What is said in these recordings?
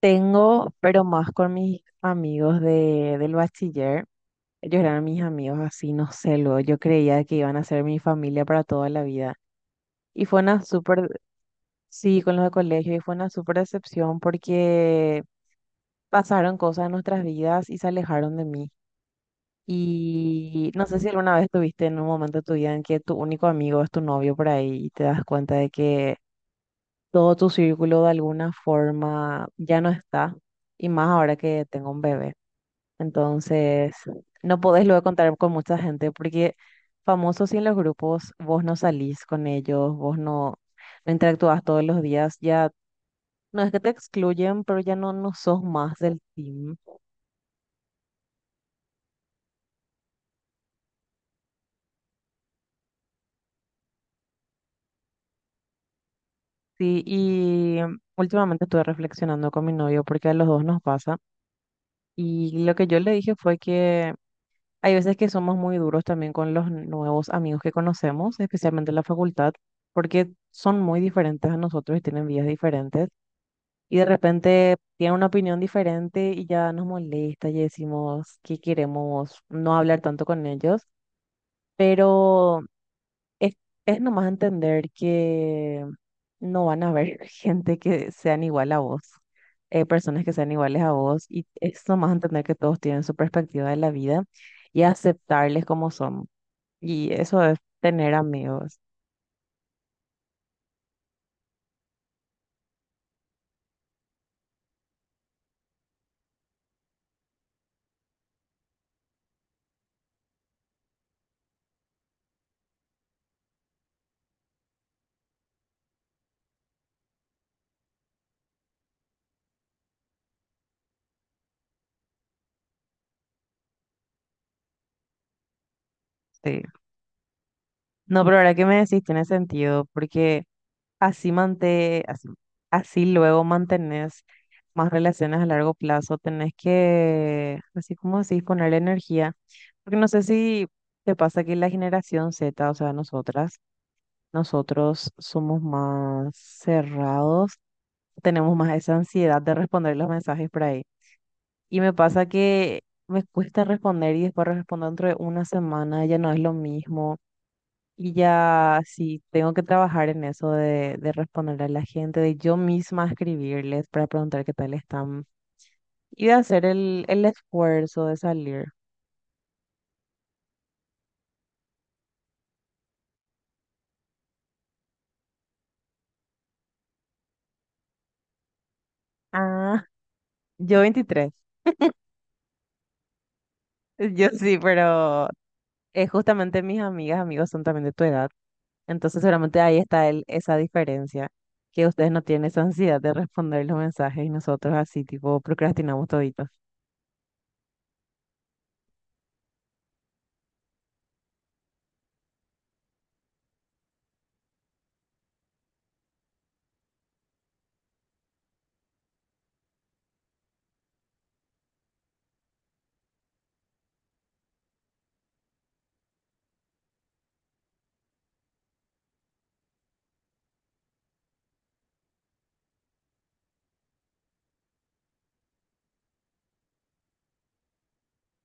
Tengo, pero más con mis amigos del bachiller. Ellos eran mis amigos así, no sé, luego yo creía que iban a ser mi familia para toda la vida. Y fue una súper, sí, con los de colegio, y fue una súper decepción porque pasaron cosas en nuestras vidas y se alejaron de mí. Y no sé si alguna vez tuviste en un momento de tu vida en que tu único amigo es tu novio por ahí y te das cuenta de que todo tu círculo de alguna forma ya no está. Y más ahora que tengo un bebé. Entonces, no podés luego contar con mucha gente porque famosos y en los grupos vos no salís con ellos, vos no, no interactúas todos los días, ya no es que te excluyen, pero ya no, no sos más del team. Sí, y últimamente estuve reflexionando con mi novio porque a los dos nos pasa y lo que yo le dije fue que hay veces que somos muy duros también con los nuevos amigos que conocemos, especialmente en la facultad, porque son muy diferentes a nosotros y tienen vidas diferentes. Y de repente tiene una opinión diferente y ya nos molesta y decimos que queremos no hablar tanto con ellos, pero es, es nomás entender que no van a haber gente que sean igual a vos, personas que sean iguales a vos y es nomás entender que todos tienen su perspectiva de la vida y aceptarles como son. Y eso es tener amigos. Sí. No, pero ahora que me decís tiene sentido porque... Así, mante- así, así luego mantenés más relaciones a largo plazo. Tenés que, así como decís, ponerle energía. Porque no sé si te pasa que la generación Z, o sea, nosotras, nosotros somos más cerrados, tenemos más esa ansiedad de responder los mensajes por ahí. Y me pasa que me cuesta responder y después respondo dentro de una semana, ya no es lo mismo. Y ya sí, tengo que trabajar en eso de responderle a la gente, de yo misma escribirles para preguntar qué tal están y de hacer el esfuerzo de salir. Ah, yo 23. Yo sí, pero es justamente mis amigas, amigos son también de tu edad, entonces seguramente ahí está el, esa diferencia, que ustedes no tienen esa ansiedad de responder los mensajes y nosotros así tipo procrastinamos toditos.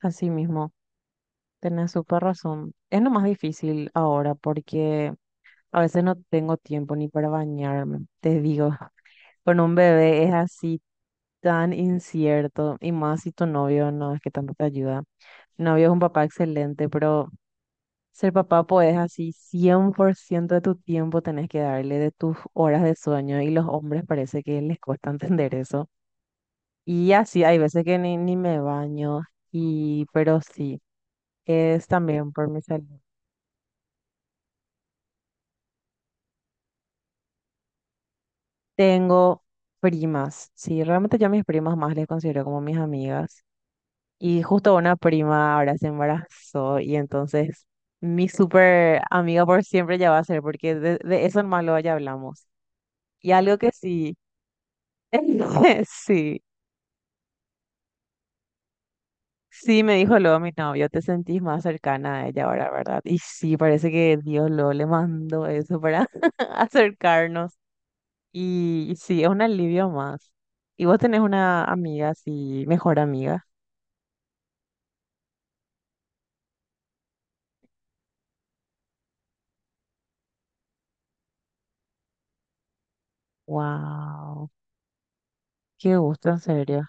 Así mismo, tenés súper razón. Es lo más difícil ahora porque... A veces no tengo tiempo ni para bañarme, te digo, con un bebé es así tan incierto y más si tu novio no es que tanto te ayuda. Mi novio es un papá excelente, pero ser papá pues así 100% de tu tiempo tenés que darle de tus horas de sueño y los hombres parece que les cuesta entender eso. Y así hay veces que ni me baño y pero sí, es también por mi salud. Tengo primas, sí, realmente yo a mis primas más les considero como mis amigas. Y justo una prima ahora se embarazó y entonces mi súper amiga por siempre ya va a ser, porque de eso en malo ya hablamos. Y algo que sí, sí, sí me dijo luego mi novio, te sentís más cercana a ella ahora, ¿verdad? Y sí, parece que Dios lo le mandó eso para acercarnos. Y, sí, es un alivio más. ¿Y vos tenés una amiga así, mejor amiga? Wow, qué gusto, en serio.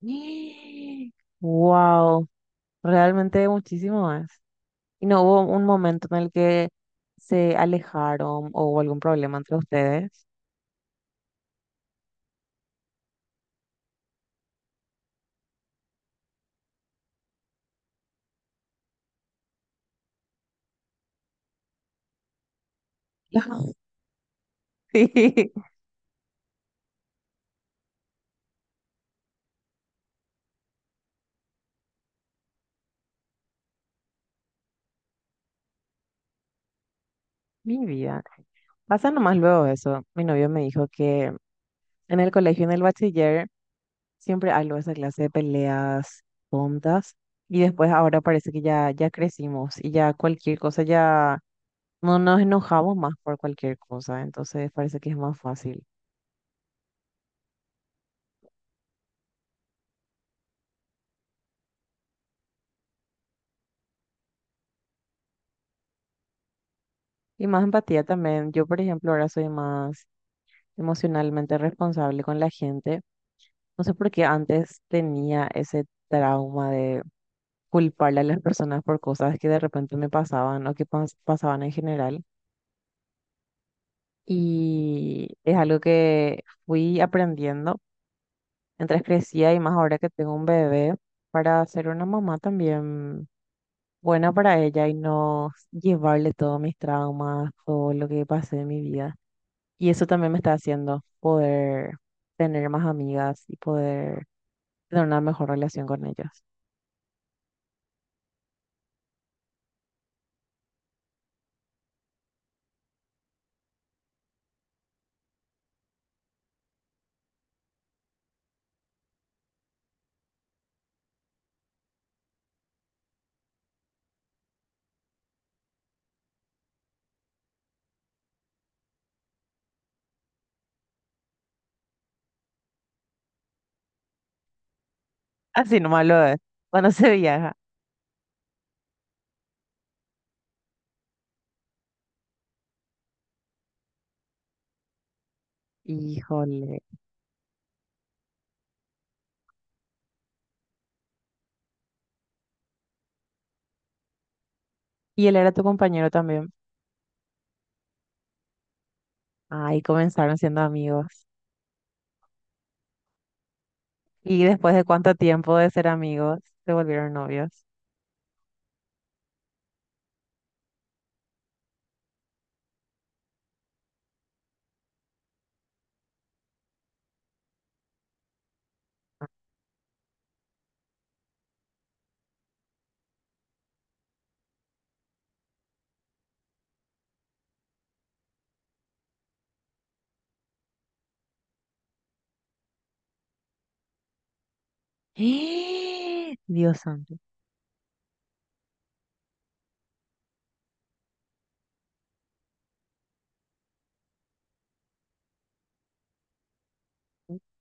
Wow, realmente muchísimo más. ¿Y no hubo un momento en el que se alejaron o hubo algún problema entre ustedes? Sí, mi vida. Pasa nomás luego eso. Mi novio me dijo que en el colegio, en el bachiller, siempre algo de esa clase de peleas tontas. Y después ahora parece que ya, ya crecimos y ya cualquier cosa ya no nos enojamos más por cualquier cosa, entonces parece que es más fácil. Y más empatía también. Yo, por ejemplo, ahora soy más emocionalmente responsable con la gente. No sé por qué antes tenía ese trauma de culparle a las personas por cosas que de repente me pasaban o que pasaban en general. Y es algo que fui aprendiendo mientras crecía y más ahora que tengo un bebé para ser una mamá también buena para ella y no llevarle todos mis traumas, todo lo que pasé en mi vida. Y eso también me está haciendo poder tener más amigas y poder tener una mejor relación con ellas. Así nomás lo es, cuando se viaja. Híjole. Y él era tu compañero también. Ahí comenzaron siendo amigos. Y después de cuánto tiempo de ser amigos, se volvieron novios. Dios santo.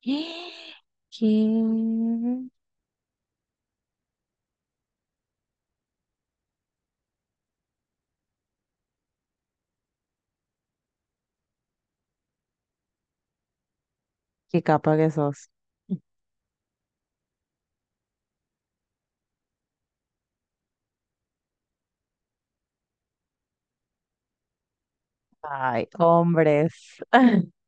¿Qué? Qué capa que sos. Ay, hombres.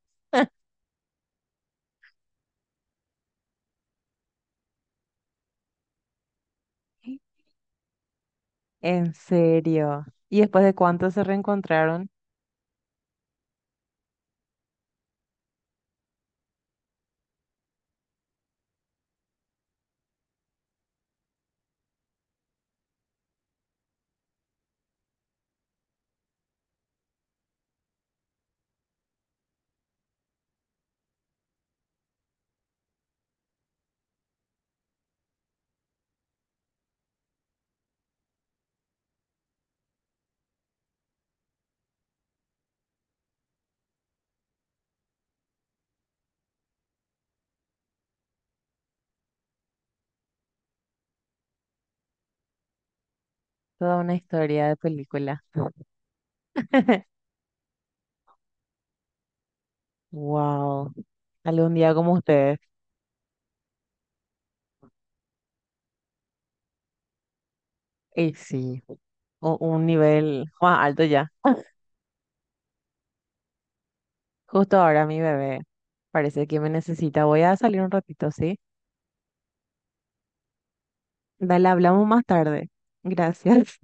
En serio. ¿Y después de cuánto se reencontraron? Toda una historia de película. Wow. Algún día como ustedes. Y sí, un nivel más alto ya. Justo ahora mi bebé parece que me necesita. Voy a salir un ratito, ¿sí? Dale, hablamos más tarde. Gracias.